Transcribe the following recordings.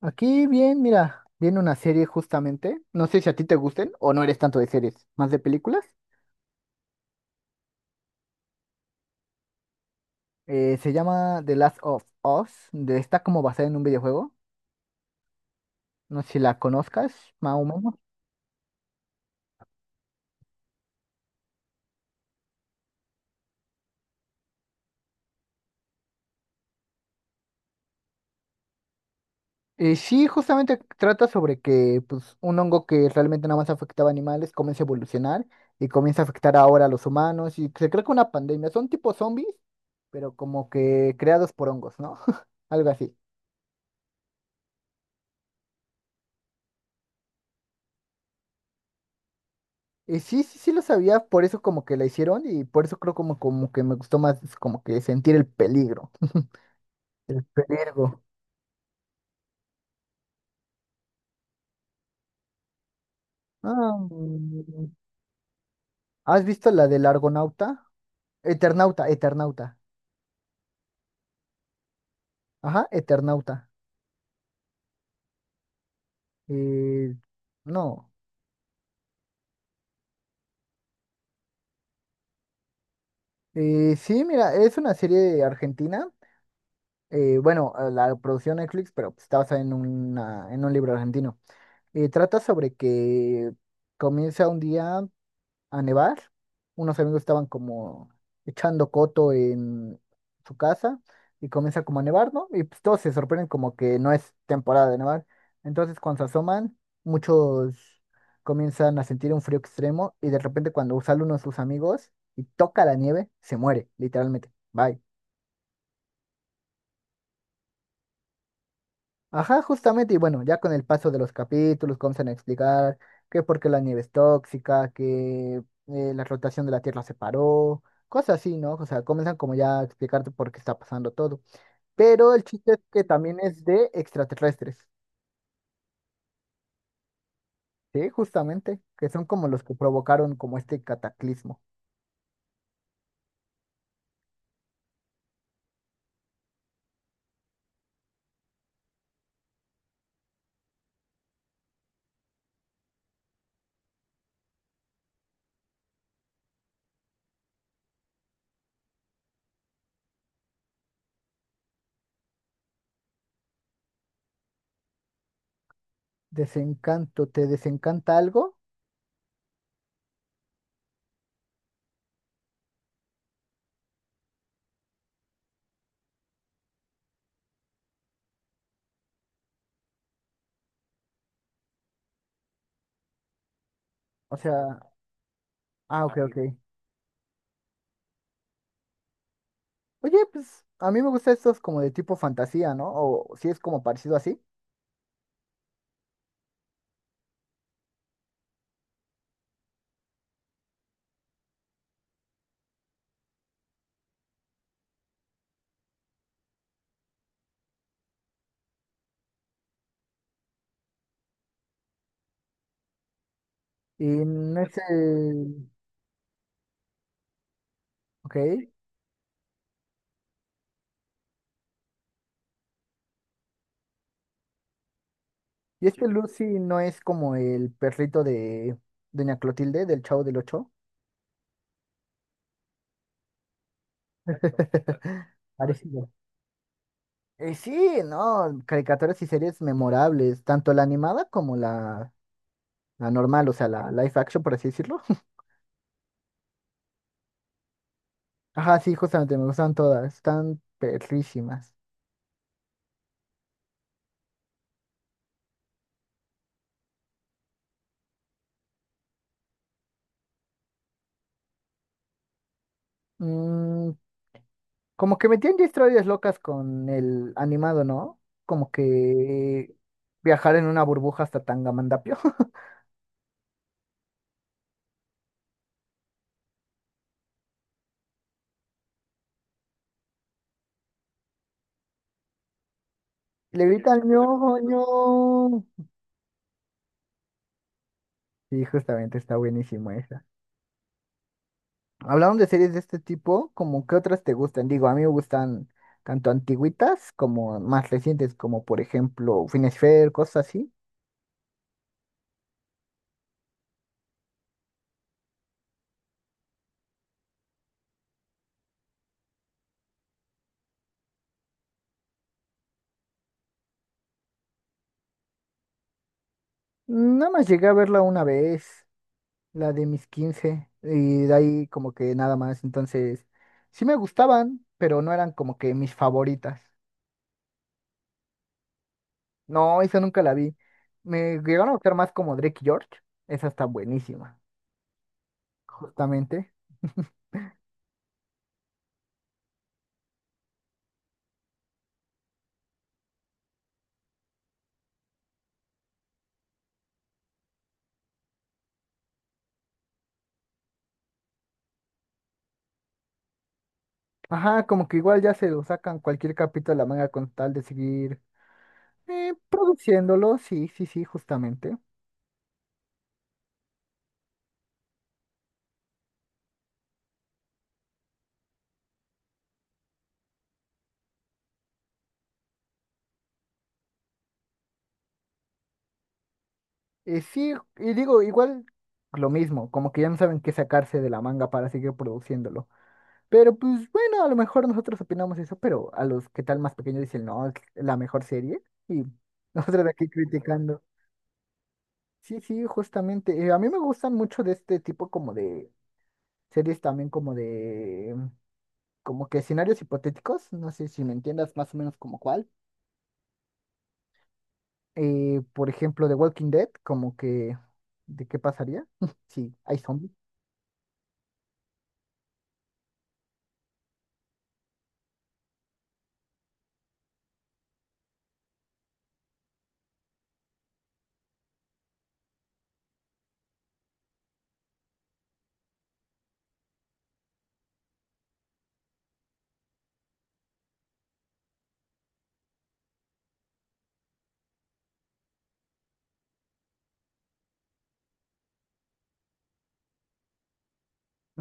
Aquí bien, mira, viene una serie justamente. No sé si a ti te gusten o no eres tanto de series, más de películas. Se llama The Last of Us. Está como basada en un videojuego. No sé si la conozcas, más o menos. Sí, justamente trata sobre que, pues, un hongo que realmente nada más afectaba a animales comienza a evolucionar y comienza a afectar ahora a los humanos y se cree que una pandemia. Son tipo zombies, pero como que creados por hongos, ¿no? Algo así. Y sí, sí, sí lo sabía, por eso como que la hicieron y por eso creo como, como que me gustó más como que sentir el peligro. Peligro. Ah, ¿has visto la del Argonauta? Eternauta, Eternauta. Ajá, Eternauta. Eh, no. Sí, mira, es una serie de argentina. Bueno, la producción Netflix, pero, pues, está basada en, una, en un libro argentino. Trata sobre que comienza un día a nevar. Unos amigos estaban como echando coto en su casa y comienza como a nevar, ¿no? Y pues todos se sorprenden como que no es temporada de nevar. Entonces cuando se asoman, muchos comienzan a sentir un frío extremo y de repente cuando sale uno de sus amigos y toca la nieve, se muere, literalmente. Bye. Ajá, justamente, y bueno, ya con el paso de los capítulos comienzan a explicar que por qué la nieve es tóxica, que la rotación de la Tierra se paró, cosas así, ¿no? O sea, comienzan como ya a explicarte por qué está pasando todo. Pero el chiste es que también es de extraterrestres, ¿sí? Justamente, que son como los que provocaron como este cataclismo. Desencanto, ¿te desencanta algo? O sea, ah, ok, ok. Oye, pues a mí me gustan estos como de tipo fantasía, ¿no? O si es como parecido así. Y no es el... Ok. Y este Lucy no es como el perrito de Doña Clotilde, del Chavo del Ocho. Parecido. Sí, no, caricaturas y series memorables, tanto la animada como la normal, o sea, la live action, por así decirlo. Ajá, sí, justamente, me gustan todas, están perrísimas. Mm, como que metían ya historias locas con el animado, ¿no? Como que viajar en una burbuja hasta Tangamandapio. Le gritan ñojo, ño. Sí, justamente está buenísimo esa. Hablando de series de este tipo, ¿como qué otras te gustan? Digo, a mí me gustan tanto antiguitas como más recientes, como por ejemplo finesfer, cosas así. Nada más llegué a verla una vez, la de mis 15 y de ahí como que nada más. Entonces, sí me gustaban, pero no eran como que mis favoritas. No, esa nunca la vi. Me llegaron a gustar más como Drake y George. Esa está buenísima, justamente. Ajá, como que igual ya se lo sacan cualquier capítulo de la manga con tal de seguir produciéndolo, sí, sí, sí, justamente. Sí, y digo, igual lo mismo, como que ya no saben qué sacarse de la manga para seguir produciéndolo. Pero pues bueno, a lo mejor nosotros opinamos eso, pero a los que tal más pequeños dicen, no, es la mejor serie. Y nosotros de aquí criticando. Sí, sí, justamente. A mí me gustan mucho de este tipo como de series también como de... como que escenarios hipotéticos, no sé si me entiendas más o menos como cuál. Por ejemplo, de Walking Dead, como que, ¿de qué pasaría si hay zombies?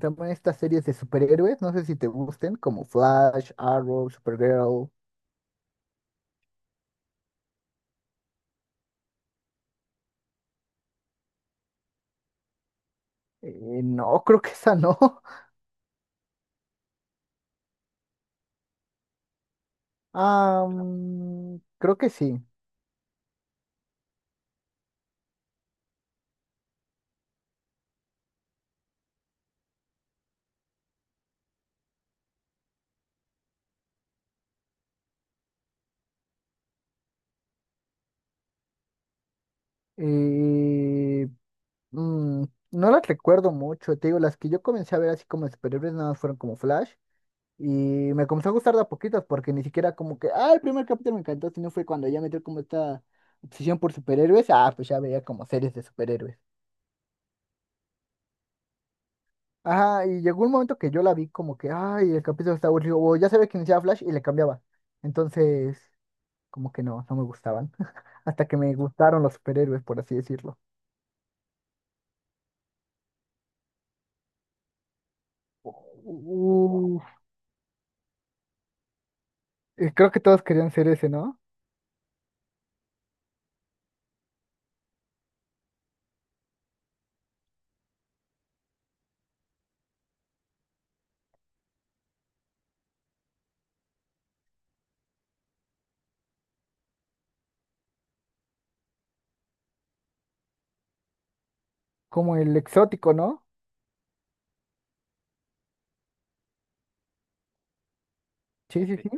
También estas series de superhéroes, no sé si te gusten, como Flash, Arrow, Supergirl. No, creo que esa no. Ah, mm, creo que sí. Eh, mm, no las recuerdo mucho, te digo, las que yo comencé a ver así como de superhéroes nada más fueron como Flash. Y me comenzó a gustar de a poquitos porque ni siquiera como que, ah, el primer capítulo me encantó, sino fue cuando ya metió como esta obsesión por superhéroes, ah, pues ya veía como series de superhéroes. Ajá, y llegó un momento que yo la vi como que, ay, el capítulo está aburrido, o ya sabía que iniciaba Flash y le cambiaba. Entonces, como que no, no me gustaban. Hasta que me gustaron los superhéroes, por así decirlo. Uh, Creo que todos querían ser ese, ¿no? Como el exótico, ¿no? Sí, sí, sí.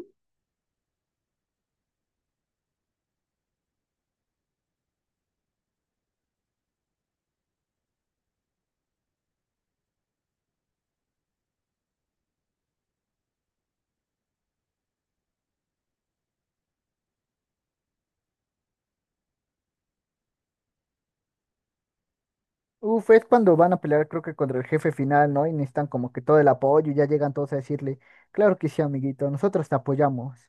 Uf, es cuando van a pelear, creo que contra el jefe final, ¿no? Y necesitan como que todo el apoyo y ya llegan todos a decirle, claro que sí, amiguito, nosotros te apoyamos.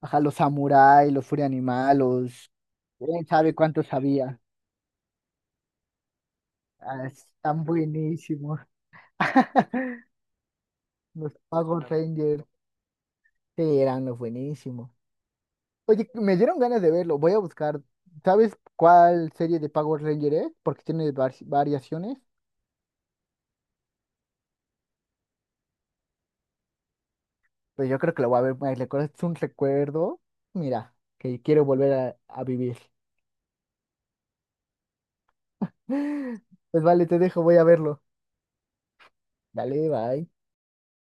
Ajá, los samuráis, los furia animal, los... ¿Quién sabe cuántos había? Ah, están buenísimos. Los power Rangers. Sí, eran los buenísimos. Oye, me dieron ganas de verlo. Voy a buscar. ¿Sabes cuál serie de Power Ranger es? Porque tiene variaciones. Pues yo creo que lo voy a ver. Es un recuerdo. Mira, que quiero volver a vivir. Pues vale, te dejo, voy a verlo. Dale, bye.